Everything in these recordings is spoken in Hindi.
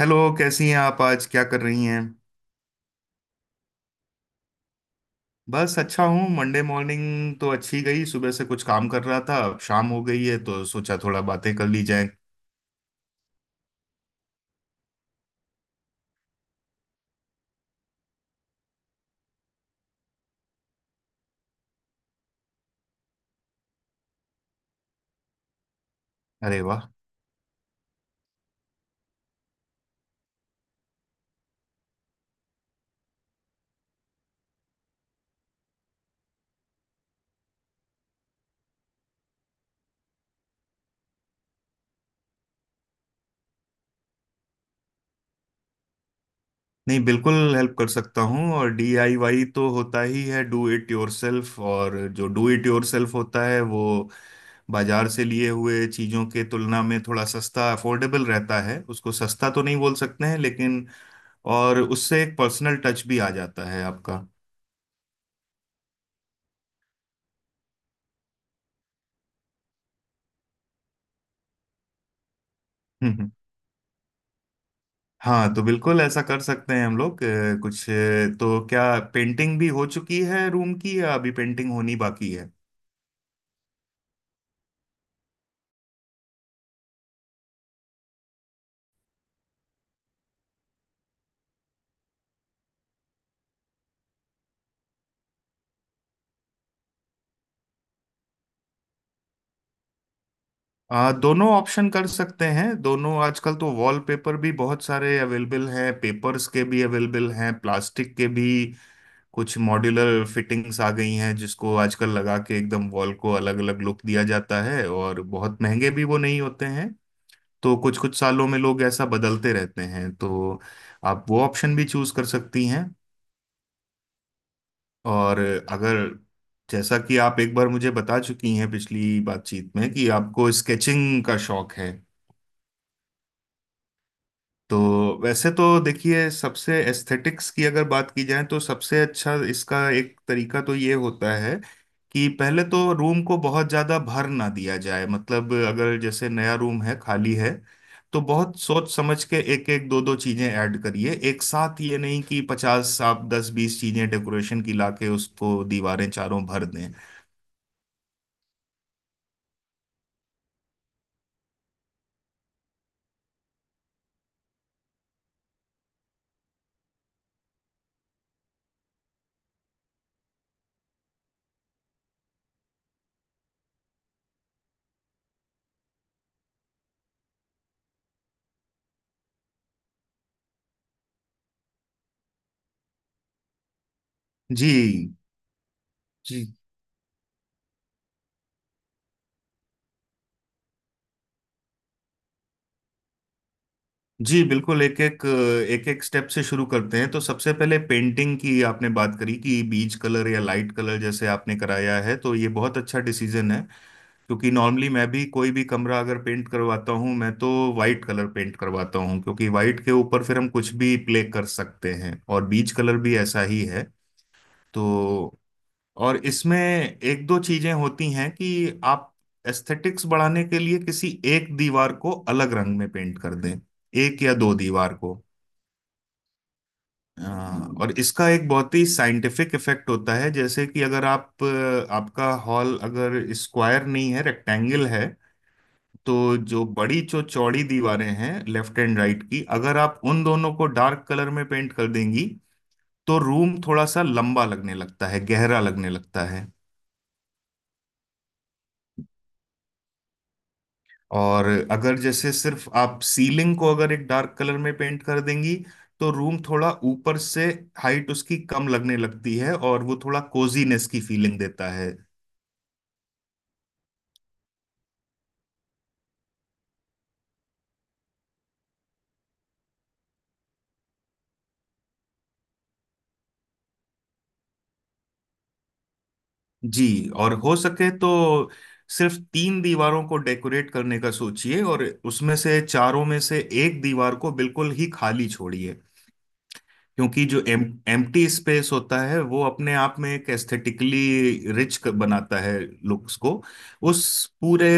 हेलो। कैसी हैं आप? आज क्या कर रही हैं? बस अच्छा हूँ। मंडे मॉर्निंग तो अच्छी गई, सुबह से कुछ काम कर रहा था, अब शाम हो गई है तो सोचा थोड़ा बातें कर ली जाए। अरे वाह! नहीं, बिल्कुल हेल्प कर सकता हूँ। और डीआईवाई तो होता ही है, डू इट योरसेल्फ। और जो डू इट योरसेल्फ होता है वो बाजार से लिए हुए चीज़ों के तुलना में थोड़ा सस्ता, अफोर्डेबल रहता है। उसको सस्ता तो नहीं बोल सकते हैं, लेकिन और उससे एक पर्सनल टच भी आ जाता है आपका। हाँ, तो बिल्कुल ऐसा कर सकते हैं हम लोग। कुछ तो क्या पेंटिंग भी हो चुकी है रूम की, या अभी पेंटिंग होनी बाकी है? दोनों ऑप्शन कर सकते हैं दोनों। आजकल तो वॉलपेपर भी बहुत सारे अवेलेबल हैं, पेपर्स के भी अवेलेबल हैं, प्लास्टिक के भी। कुछ मॉड्यूलर फिटिंग्स आ गई हैं जिसको आजकल लगा के एकदम वॉल को अलग अलग लुक दिया जाता है, और बहुत महंगे भी वो नहीं होते हैं। तो कुछ कुछ सालों में लोग ऐसा बदलते रहते हैं, तो आप वो ऑप्शन भी चूज कर सकती हैं। और अगर, जैसा कि आप एक बार मुझे बता चुकी हैं पिछली बातचीत में, कि आपको स्केचिंग का शौक है, तो वैसे तो देखिए, सबसे एस्थेटिक्स की अगर बात की जाए तो सबसे अच्छा इसका एक तरीका तो ये होता है कि पहले तो रूम को बहुत ज़्यादा भर ना दिया जाए। मतलब अगर जैसे नया रूम है, खाली है, तो बहुत सोच समझ के एक एक दो दो चीज़ें ऐड करिए एक साथ। ये नहीं कि 50, आप दस बीस चीज़ें डेकोरेशन की लाके उसको दीवारें चारों भर दें। जी। जी। जी बिल्कुल, एक एक स्टेप से शुरू करते हैं। तो सबसे पहले पेंटिंग की आपने बात करी कि बीज कलर या लाइट कलर जैसे आपने कराया है तो ये बहुत अच्छा डिसीजन है। क्योंकि नॉर्मली मैं भी कोई भी कमरा अगर पेंट करवाता हूँ, मैं तो वाइट कलर पेंट करवाता हूँ, क्योंकि वाइट के ऊपर फिर हम कुछ भी प्ले कर सकते हैं। और बीज कलर भी ऐसा ही है। तो और इसमें एक दो चीजें होती हैं कि आप एस्थेटिक्स बढ़ाने के लिए किसी एक दीवार को अलग रंग में पेंट कर दें, एक या दो दीवार को। अ, और इसका एक बहुत ही साइंटिफिक इफेक्ट होता है। जैसे कि अगर आप, आपका हॉल अगर स्क्वायर नहीं है, रेक्टेंगल है, तो जो बड़ी, जो चौड़ी दीवारें हैं लेफ्ट एंड राइट की, अगर आप उन दोनों को डार्क कलर में पेंट कर देंगी, तो रूम थोड़ा सा लंबा लगने लगता है, गहरा लगने लगता है। और अगर जैसे सिर्फ आप सीलिंग को अगर एक डार्क कलर में पेंट कर देंगी, तो रूम थोड़ा ऊपर से हाइट उसकी कम लगने लगती है, और वो थोड़ा कोजीनेस की फीलिंग देता है। जी। और हो सके तो सिर्फ तीन दीवारों को डेकोरेट करने का सोचिए, और उसमें से चारों में से एक दीवार को बिल्कुल ही खाली छोड़िए। क्योंकि जो एम एम्प्टी स्पेस होता है वो अपने आप में एक एस्थेटिकली रिच बनाता है लुक्स को। उस पूरे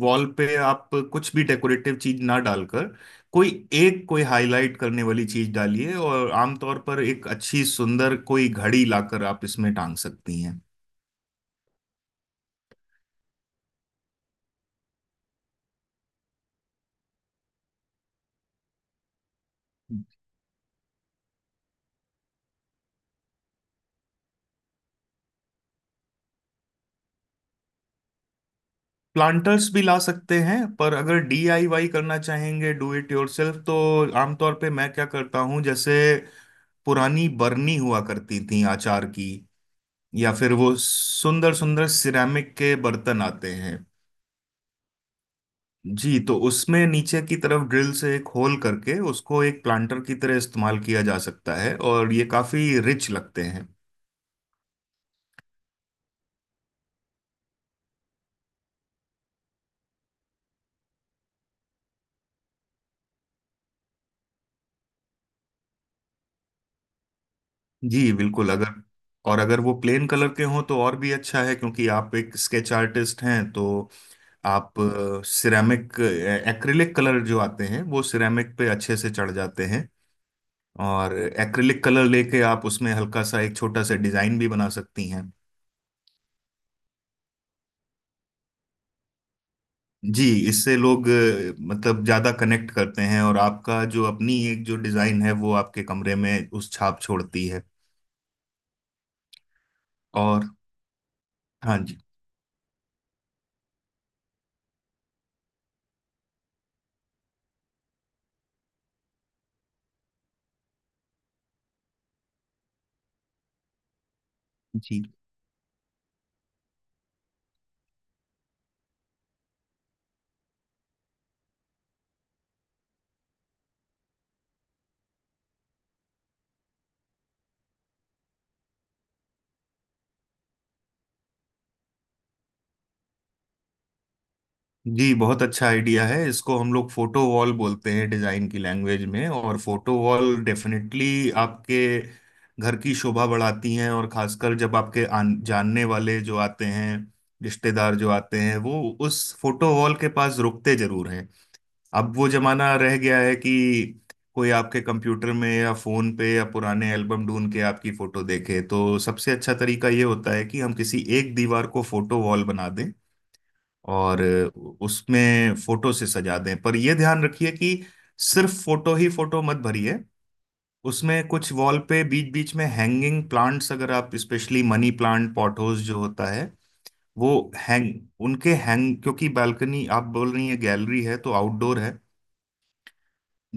वॉल पे आप कुछ भी डेकोरेटिव चीज ना डालकर कोई, एक कोई हाईलाइट करने वाली चीज डालिए। और आमतौर पर एक अच्छी सुंदर कोई घड़ी लाकर आप इसमें टांग सकती हैं। प्लांटर्स भी ला सकते हैं, पर अगर डीआईवाई करना चाहेंगे डू इट योरसेल्फ, तो आमतौर पे मैं क्या करता हूँ, जैसे पुरानी बरनी हुआ करती थी आचार की, या फिर वो सुंदर सुंदर सिरेमिक के बर्तन आते हैं। जी, तो उसमें नीचे की तरफ ड्रिल से एक होल करके उसको एक प्लांटर की तरह इस्तेमाल किया जा सकता है, और ये काफी रिच लगते हैं। जी बिल्कुल। अगर, और अगर वो प्लेन कलर के हों तो और भी अच्छा है, क्योंकि आप एक स्केच आर्टिस्ट हैं तो आप सिरेमिक, एक्रिलिक कलर जो आते हैं वो सिरेमिक पे अच्छे से चढ़ जाते हैं। और एक्रिलिक कलर लेके आप उसमें हल्का सा एक छोटा सा डिजाइन भी बना सकती हैं। जी, इससे लोग मतलब ज्यादा कनेक्ट करते हैं, और आपका जो अपनी एक जो डिजाइन है वो आपके कमरे में उस छाप छोड़ती है। और हाँ जी। जी। जी, बहुत अच्छा आइडिया है। इसको हम लोग फोटो वॉल बोलते हैं डिजाइन की लैंग्वेज में। और फोटो वॉल डेफिनेटली आपके घर की शोभा बढ़ाती हैं, और खासकर जब आपके जानने वाले जो आते हैं, रिश्तेदार जो आते हैं, वो उस फोटो वॉल के पास रुकते जरूर। अब वो जमाना रह गया है कि कोई आपके कंप्यूटर में या फोन पे या पुराने एल्बम ढूंढ के आपकी फोटो देखे। तो सबसे अच्छा तरीका ये होता है कि हम किसी एक दीवार को फोटो वॉल बना दें, और उसमें फोटो से सजा दें। पर यह ध्यान रखिए कि सिर्फ फोटो ही फोटो मत भरिए। उसमें कुछ वॉल पे बीच बीच में हैंगिंग प्लांट्स, अगर आप स्पेशली मनी प्लांट, पॉटोज जो होता है वो हैंग उनके हैंग, क्योंकि बालकनी आप बोल रही हैं, गैलरी है तो आउटडोर है,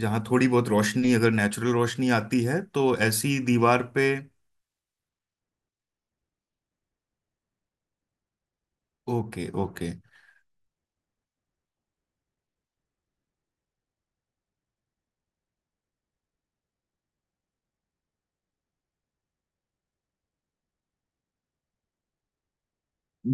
जहाँ थोड़ी बहुत रोशनी अगर नेचुरल रोशनी आती है तो ऐसी दीवार पे। Okay, okay.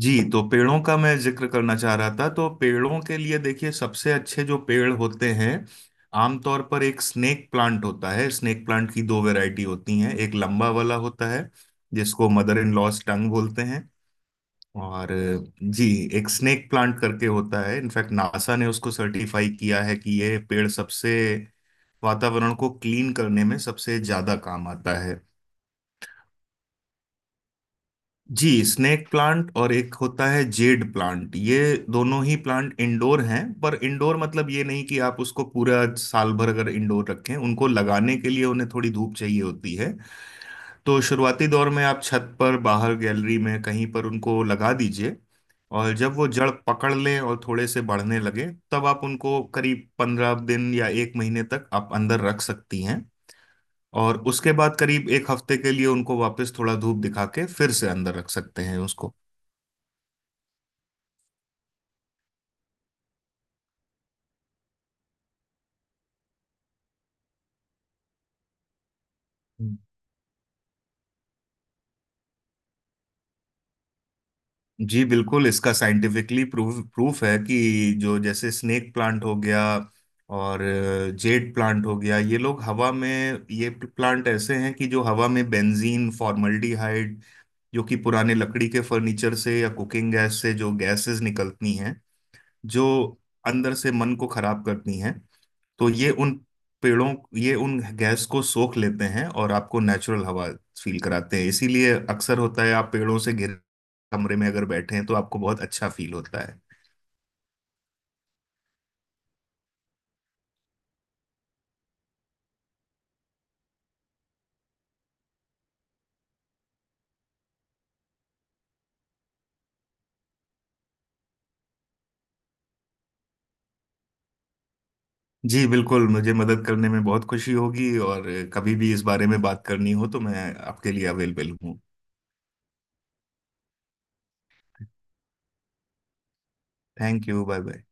जी, तो पेड़ों का मैं जिक्र करना चाह रहा था, तो पेड़ों के लिए देखिए, सबसे अच्छे जो पेड़ होते हैं आमतौर पर एक स्नेक प्लांट होता है। स्नेक प्लांट की दो वैरायटी होती हैं, एक लंबा वाला होता है जिसको मदर इन लॉस टंग बोलते हैं। और जी, एक स्नेक प्लांट करके होता है, इनफैक्ट नासा ने उसको सर्टिफाई किया है कि यह पेड़ सबसे वातावरण को क्लीन करने में सबसे ज्यादा काम आता है। जी। स्नेक प्लांट, और एक होता है जेड प्लांट। ये दोनों ही प्लांट इंडोर हैं, पर इंडोर मतलब ये नहीं कि आप उसको पूरा साल भर अगर इंडोर रखें। उनको लगाने के लिए उन्हें थोड़ी धूप चाहिए होती है, तो शुरुआती दौर में आप छत पर बाहर गैलरी में कहीं पर उनको लगा दीजिए। और जब वो जड़ पकड़ लें और थोड़े से बढ़ने लगे, तब आप उनको करीब 15 दिन या एक महीने तक आप अंदर रख सकती हैं। और उसके बाद करीब एक हफ्ते के लिए उनको वापस थोड़ा धूप दिखा के फिर से अंदर रख सकते हैं उसको। जी बिल्कुल, इसका साइंटिफिकली प्रूफ प्रूफ है कि जो, जैसे स्नेक प्लांट हो गया, और जेड प्लांट हो गया, ये लोग हवा में, ये प्लांट ऐसे हैं कि जो हवा में बेंजीन, फॉर्मल्डिहाइड, जो कि पुराने लकड़ी के फर्नीचर से या कुकिंग गैस से जो गैसेस निकलती हैं, जो अंदर से मन को खराब करती हैं, तो ये उन पेड़ों, ये उन गैस को सोख लेते हैं और आपको नेचुरल हवा फील कराते हैं। इसीलिए अक्सर होता है आप पेड़ों से घिरे कमरे में अगर बैठे हैं तो आपको बहुत अच्छा फील होता है। जी बिल्कुल, मुझे मदद करने में बहुत खुशी होगी, और कभी भी इस बारे में बात करनी हो तो मैं आपके लिए अवेलेबल हूँ। Thank you, bye bye.